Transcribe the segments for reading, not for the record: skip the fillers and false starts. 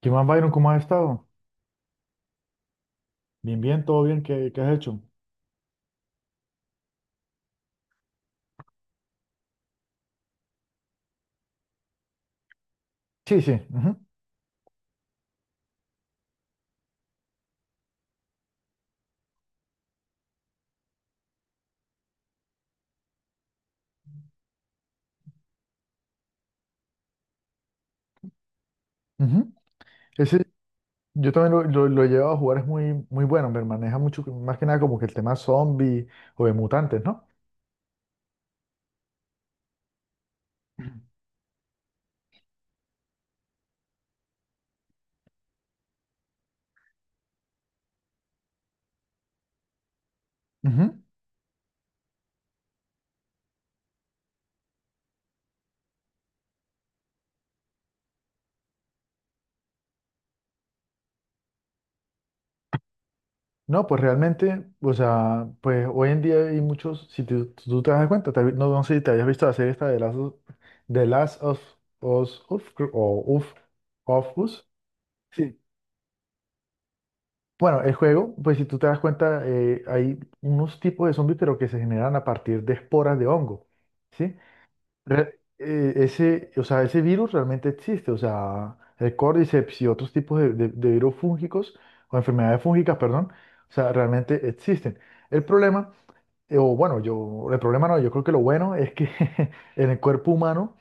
¿Qué más, Byron? ¿Cómo has estado? Bien, bien, todo bien, ¿qué has hecho? Sí, sí. Ujú, ujú. Ese, yo también lo he llevado a jugar, es muy bueno, me maneja mucho, más que nada como que el tema zombie o de mutantes, ¿no? Ujú. No, pues realmente, o sea, pues hoy en día hay muchos, si tú te das cuenta, no, no sé si te habías visto la serie esta de las de Last of Us, o Uf, of Us, sí. Bueno, el juego, pues si tú te das cuenta, hay unos tipos de zombies, pero que se generan a partir de esporas de hongo, ¿sí? Ese, o sea, ese virus realmente existe, o sea, el Cordyceps y otros tipos de virus fúngicos, o enfermedades fúngicas, perdón, o sea, realmente existen. El problema, el problema no, yo creo que lo bueno es que en el cuerpo humano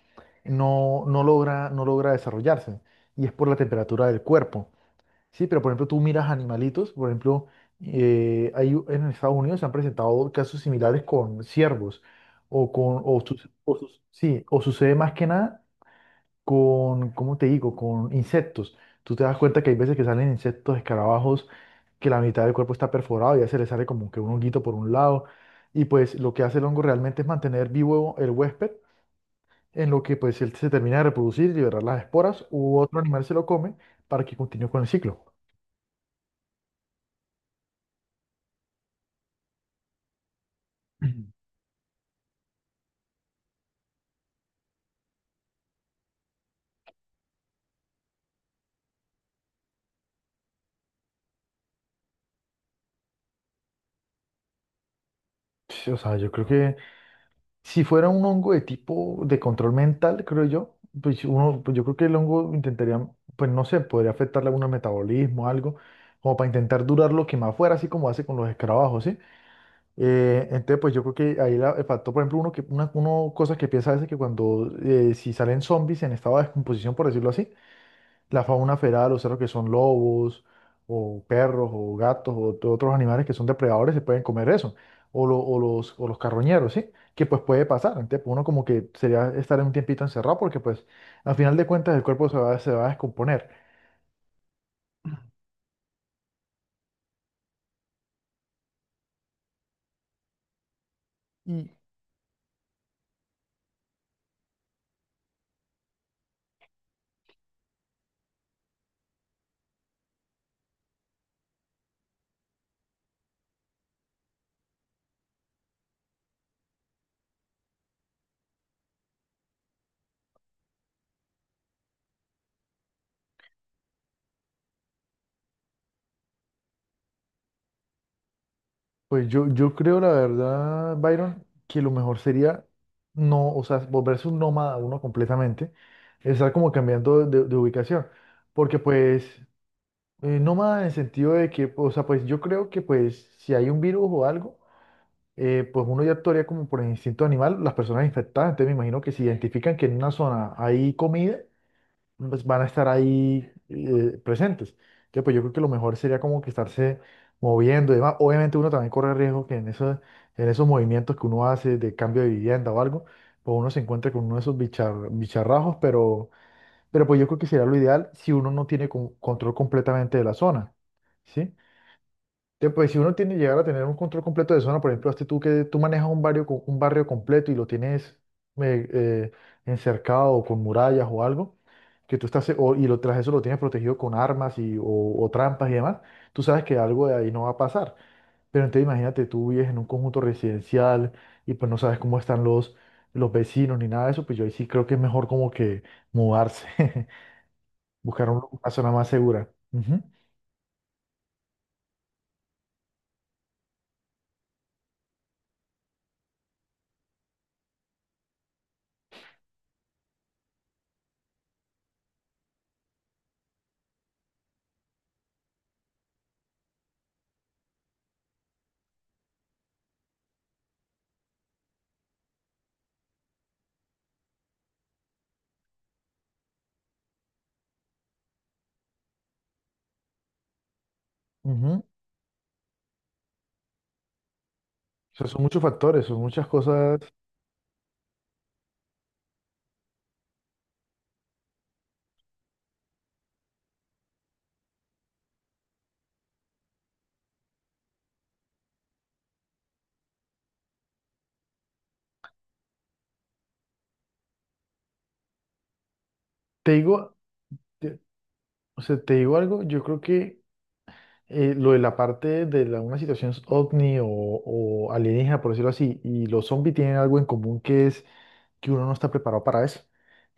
no, no logra desarrollarse, y es por la temperatura del cuerpo. Sí, pero por ejemplo, tú miras animalitos, por ejemplo, en Estados Unidos se han presentado casos similares con ciervos, o con, o, su- o sí, o sucede más que nada con, ¿cómo te digo?, con insectos. Tú te das cuenta que hay veces que salen insectos, escarabajos, que la mitad del cuerpo está perforado y ya se le sale como que un honguito por un lado. Y pues lo que hace el hongo realmente es mantener vivo el huésped, en lo que pues él se termina de reproducir, liberar las esporas, u otro animal se lo come para que continúe con el ciclo. Sí, o sea, yo creo que si fuera un hongo de tipo de control mental, creo yo, pues uno, pues yo creo que el hongo intentaría, pues no sé, podría afectarle a algún metabolismo, algo, como para intentar durar lo que más fuera, así como hace con los escarabajos, ¿sí? Entonces, pues yo creo que ahí la, el factor, por ejemplo, uno cosa que piensa a veces que cuando, si salen zombies en estado de descomposición, por decirlo así, la fauna feral, o sea, lo que son lobos o perros o gatos o otros animales que son depredadores se pueden comer eso, o los carroñeros, ¿sí? Que pues puede pasar, entonces pues, uno como que sería estar en un tiempito encerrado porque pues al final de cuentas el cuerpo se va a descomponer. Y pues yo creo la verdad, Byron, que lo mejor sería no, o sea, volverse un nómada uno completamente, estar como cambiando de ubicación, porque pues... no más en el sentido de que, o sea, pues yo creo que pues si hay un virus o algo, pues uno ya actuaría como por el instinto animal, las personas infectadas, entonces me imagino que si identifican que en una zona hay comida, pues van a estar ahí presentes. Entonces, pues yo creo que lo mejor sería como que estarse moviendo y demás. Obviamente uno también corre riesgo que en en esos movimientos que uno hace de cambio de vivienda o algo, pues uno se encuentre con uno de esos bicharrajos, pero... Pero pues yo creo que sería lo ideal si uno no tiene control completamente de la zona, ¿sí? Entonces, pues si uno tiene llegar a tener un control completo de zona, por ejemplo, este tú que tú manejas un barrio, un barrio completo y lo tienes eh, eh, encercado o con murallas o algo, que tú estás, y lo, tras eso lo tienes protegido con armas y, o trampas y demás, tú sabes que algo de ahí no va a pasar. Pero entonces imagínate, tú vives en un conjunto residencial y pues no sabes cómo están los vecinos ni nada de eso, pues yo ahí sí creo que es mejor como que mudarse. Buscar una zona más segura. Ujú, ujú. O sea, son muchos factores, son muchas cosas. Te digo, te- te digo algo, yo creo que lo de la parte de la, una situación ovni o alienígena, por decirlo así, y los zombies tienen algo en común que es que uno no está preparado para eso.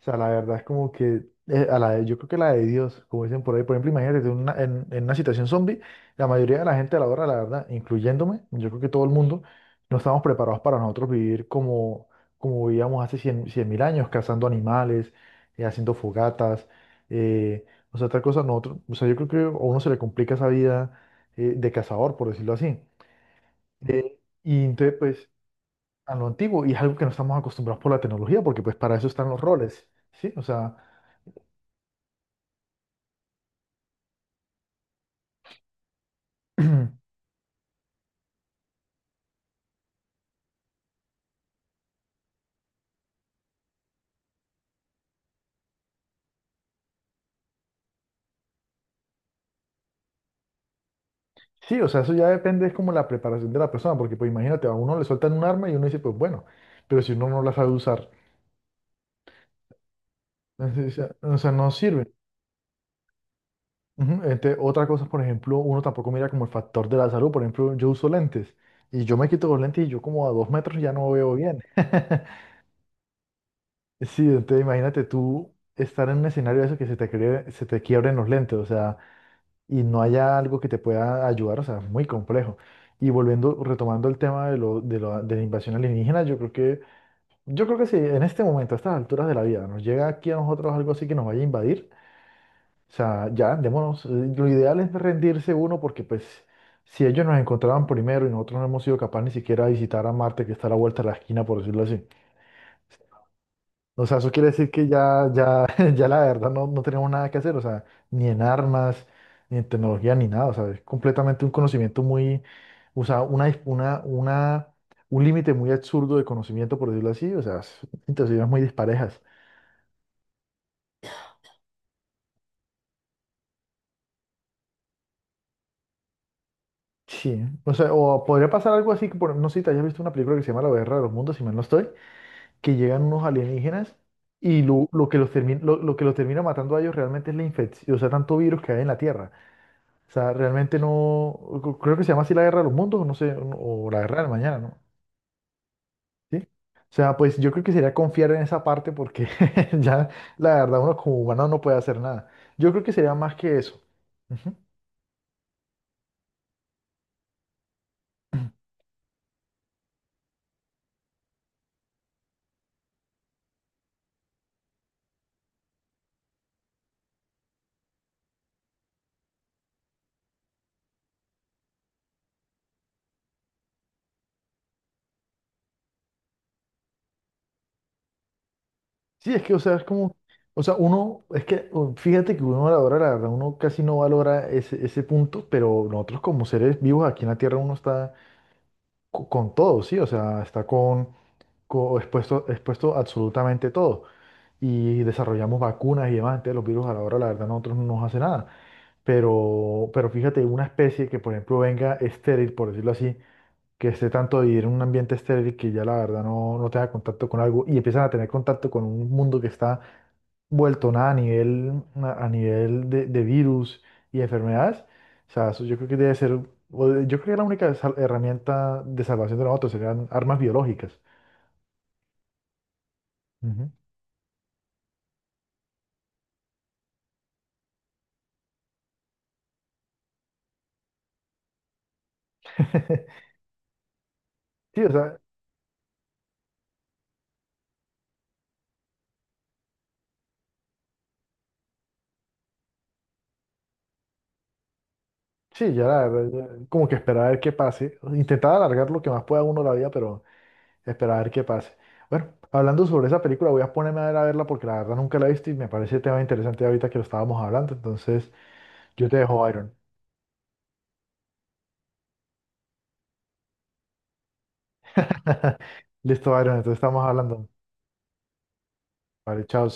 O sea, la verdad es como que yo creo que la de Dios, como dicen por ahí, por ejemplo, imagínate tú en una situación zombie, la mayoría de la gente a la hora, la verdad, incluyéndome, yo creo que todo el mundo, no estamos preparados para nosotros vivir como, como vivíamos hace 100.000 años, cazando animales, haciendo fogatas, o sea, otra cosa, nosotros, o sea, yo creo que a uno se le complica esa vida de cazador, por decirlo así. Y entonces, pues, a lo antiguo y es algo que no estamos acostumbrados por la tecnología, porque pues para eso están los roles, ¿sí? O sea, sí, o sea, eso ya depende, es como la preparación de la persona, porque pues imagínate, a uno le sueltan un arma y uno dice, pues bueno, pero si uno no la sabe usar, entonces, o sea, no sirve. Ujú, otra cosa, por ejemplo, uno tampoco mira como el factor de la salud, por ejemplo, yo uso lentes y yo me quito los lentes y yo como a 2 metros ya no veo bien. Sí, entonces imagínate tú estar en un escenario de eso que se te, se te quiebren los lentes, o sea... Y no haya algo que te pueda ayudar, o sea, es muy complejo. Y volviendo, retomando el tema de la invasión alienígena, yo creo que si en este momento, a estas alturas de la vida, nos llega aquí a nosotros algo así que nos vaya a invadir, o sea, ya, démonos, lo ideal es rendirse uno porque pues si ellos nos encontraban primero y nosotros no hemos sido capaces ni siquiera de visitar a Marte, que está a la vuelta de la esquina, por decirlo así. O sea, eso quiere decir que ya, ya la verdad no, no tenemos nada que hacer, o sea, ni en armas, ni en tecnología, ni nada, o sea, es completamente un conocimiento muy, o sea, una, un límite muy absurdo de conocimiento, por decirlo así, situaciones muy disparejas. Sí, o sea, o podría pasar algo así, que no sé si te hayas visto una película que se llama La Guerra de los Mundos, si mal no estoy, que llegan unos alienígenas y lo que los termina matando a ellos realmente es la infección, o sea, tanto virus que hay en la Tierra. O sea, realmente no, creo que se llama así La Guerra de los Mundos, no sé, no, o La Guerra del Mañana, ¿no? ¿Sí? O sea, pues yo creo que sería confiar en esa parte porque ya la verdad uno como humano no puede hacer nada. Yo creo que sería más que eso. Ujú. Sí, es que, o sea, es como, o sea, uno, es que fíjate que uno valora, la verdad, uno casi no valora ese punto, pero nosotros como seres vivos aquí en la Tierra uno está con, todo, ¿sí? O sea, está con, expuesto, expuesto a absolutamente todo. Y desarrollamos vacunas y demás, entonces los virus a la hora, la verdad, a nosotros no nos hace nada. Pero fíjate, una especie que, por ejemplo, venga estéril, por decirlo así, que esté tanto de vivir en un ambiente estéril que ya la verdad no, no tenga contacto con algo y empiezan a tener contacto con un mundo que está vuelto nada a nivel, a nivel de virus y enfermedades. O sea, eso yo creo que debe ser, yo creo que la única herramienta de salvación de nosotros serían armas biológicas. Ujú. Sí, o sea, sí, ya la verdad, como que esperar a ver qué pase. Intentar alargar lo que más pueda uno la vida, pero esperar a ver qué pase. Bueno, hablando sobre esa película, voy a ponerme a ver a verla porque la verdad nunca la he visto y me parece tema interesante ahorita que lo estábamos hablando. Entonces, yo te dejo, Byron. Listo, Byron, entonces estamos hablando. Vale, chao.